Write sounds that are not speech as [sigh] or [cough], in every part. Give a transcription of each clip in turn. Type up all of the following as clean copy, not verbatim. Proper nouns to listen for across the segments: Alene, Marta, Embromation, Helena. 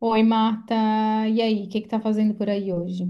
Oi, Marta. E aí, o que que tá fazendo por aí hoje?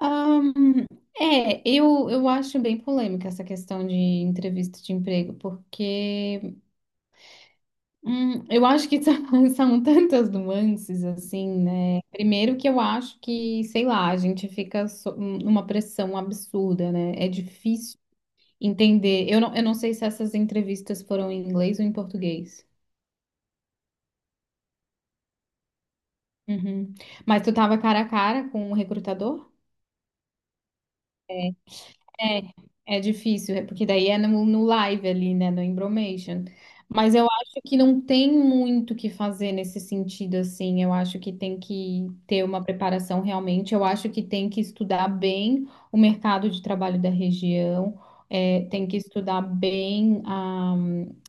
Ahn, eu acho bem polêmica essa questão de entrevista de emprego, porque eu acho que [laughs] são tantas nuances, assim, né? Primeiro que eu acho que, sei lá, a gente fica numa pressão absurda, né? É difícil entender. Eu não sei se essas entrevistas foram em inglês ou em português. Uhum. Mas tu tava cara a cara com o recrutador? É, é difícil, é porque daí é no live ali, né, no Embromation. Mas eu acho que não tem muito o que fazer nesse sentido, assim. Eu acho que tem que ter uma preparação realmente. Eu acho que tem que estudar bem o mercado de trabalho da região, é, tem que estudar bem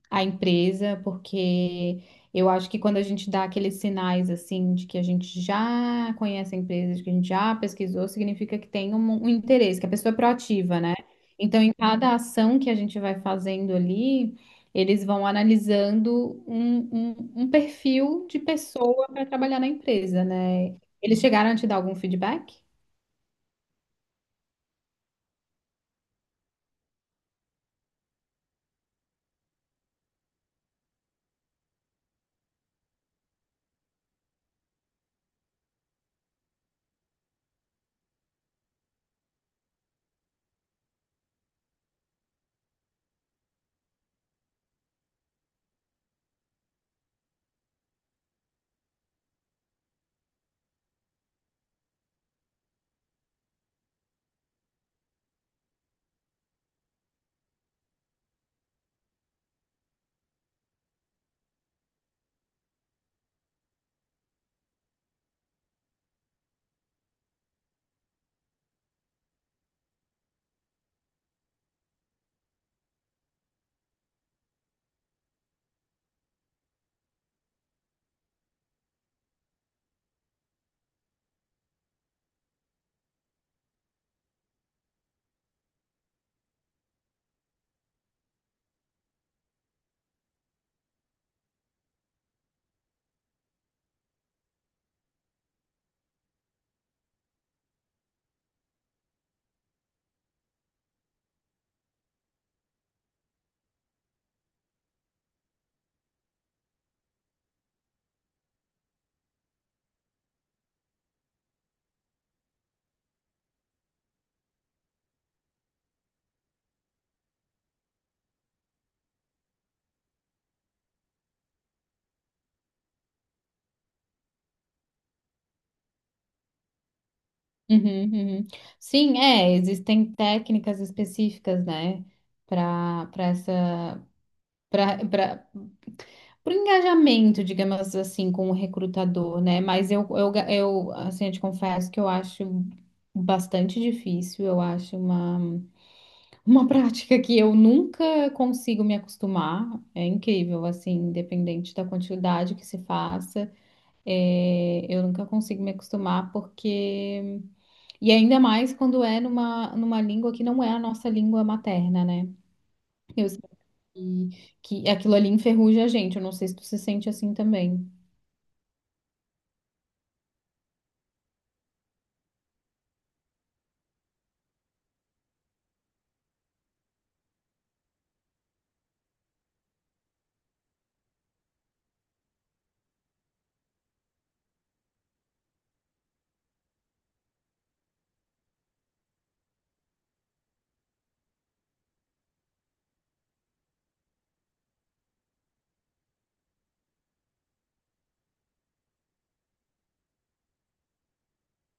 a empresa, porque. Eu acho que quando a gente dá aqueles sinais assim de que a gente já conhece a empresa, de que a gente já pesquisou, significa que tem um interesse, que a pessoa é proativa, né? Então, em cada ação que a gente vai fazendo ali, eles vão analisando um perfil de pessoa para trabalhar na empresa, né? Eles chegaram a te dar algum feedback? Uhum, uhum. Sim, é, existem técnicas específicas, né, para essa, para por engajamento, digamos assim, com o recrutador, né? Mas eu, assim, eu te confesso que eu acho bastante difícil, eu acho uma [laughs] prática que eu nunca consigo me acostumar, é incrível, assim, independente da quantidade que se faça, é, eu nunca consigo me acostumar porque, e ainda mais quando é numa língua que não é a nossa língua materna, né? Eu sei que, que aquilo ali enferruja a gente, eu não sei se tu se sente assim também.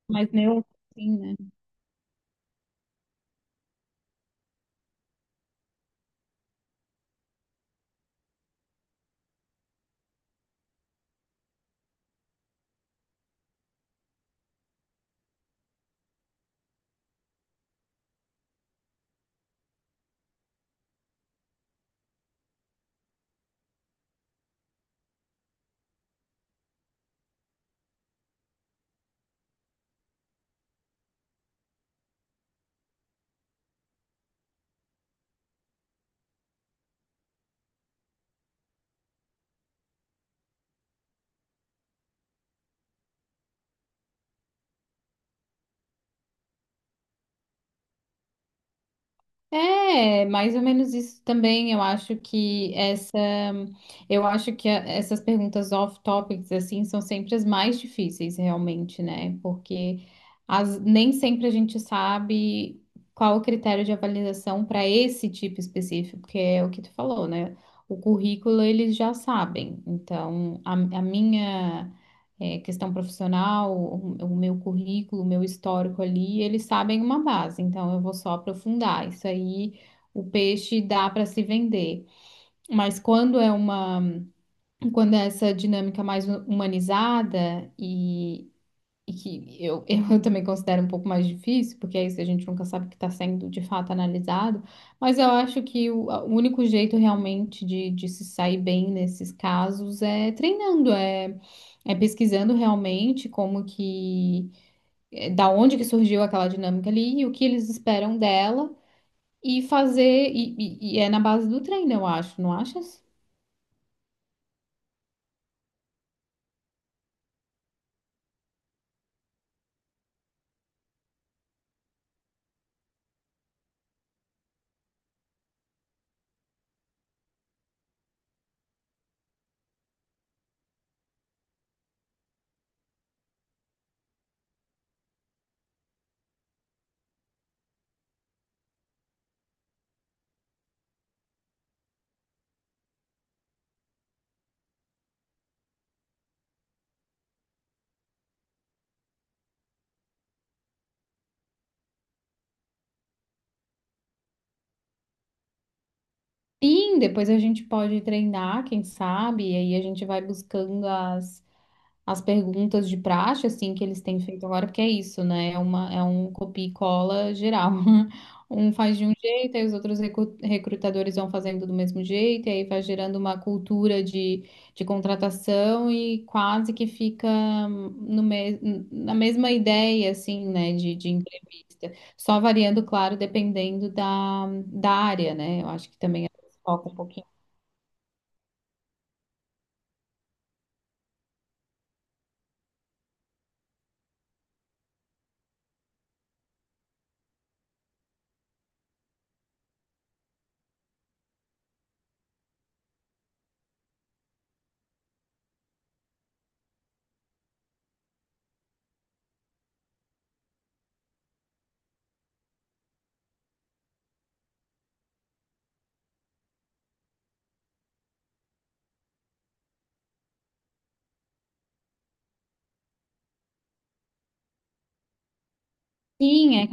Mais neutro, assim, né? É, mais ou menos isso também. Eu acho que essa, eu acho que essas perguntas off-topics assim são sempre as mais difíceis, realmente, né? Porque as, nem sempre a gente sabe qual o critério de avaliação para esse tipo específico, que é o que tu falou, né? O currículo eles já sabem. Então, a minha é, questão profissional, o meu currículo, o meu histórico ali, eles sabem uma base, então eu vou só aprofundar. Isso aí, o peixe dá para se vender. Mas quando é uma, quando é essa dinâmica mais humanizada e que eu, [laughs] eu também considero um pouco mais difícil, porque é isso, a gente nunca sabe o que está sendo de fato analisado, mas eu acho que o único jeito realmente de se sair bem nesses casos é treinando, é, é pesquisando realmente como que, é, da onde que surgiu aquela dinâmica ali e o que eles esperam dela. E fazer, e é na base do treino, eu acho, não achas? Sim, depois a gente pode treinar, quem sabe, e aí a gente vai buscando as, as perguntas de praxe, assim, que eles têm feito agora, porque é isso, né? É uma, é um copia e cola geral. [laughs] Um faz de um jeito, aí os outros recrutadores vão fazendo do mesmo jeito, e aí vai gerando uma cultura de contratação e quase que fica no me na mesma ideia, assim, né, de entrevista. Só variando, claro, dependendo da, da área, né? Eu acho que também foca um pouquinho. Sim, é.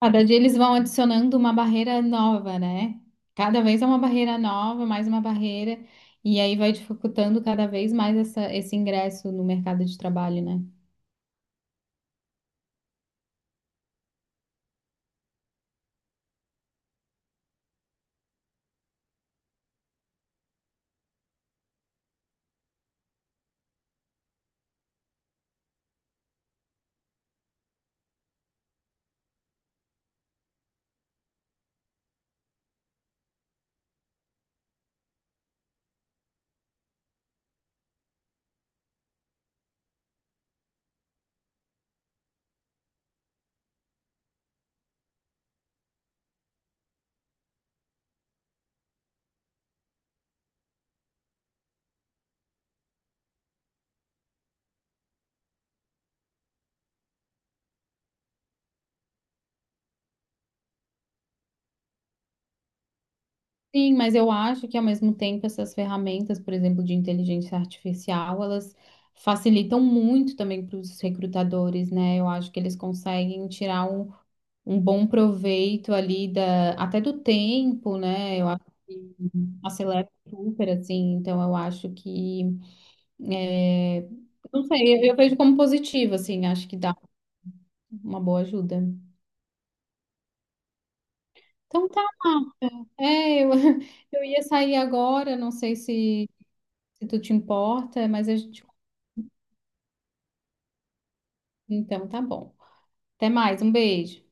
Cada dia eles vão adicionando uma barreira nova, né? Cada vez é uma barreira nova, mais uma barreira, e aí vai dificultando cada vez mais esse ingresso no mercado de trabalho, né? Sim, mas eu acho que ao mesmo tempo essas ferramentas, por exemplo, de inteligência artificial, elas facilitam muito também para os recrutadores, né? Eu acho que eles conseguem tirar um, um bom proveito ali da, até do tempo, né? Eu acho que acelera super, assim, então eu acho que é, não sei, eu vejo como positivo, assim, acho que dá uma boa ajuda. Então tá, é, eu, [laughs] eu ia sair agora, não sei se, se tu te importa, mas a gente. Então tá bom. Até mais, um beijo.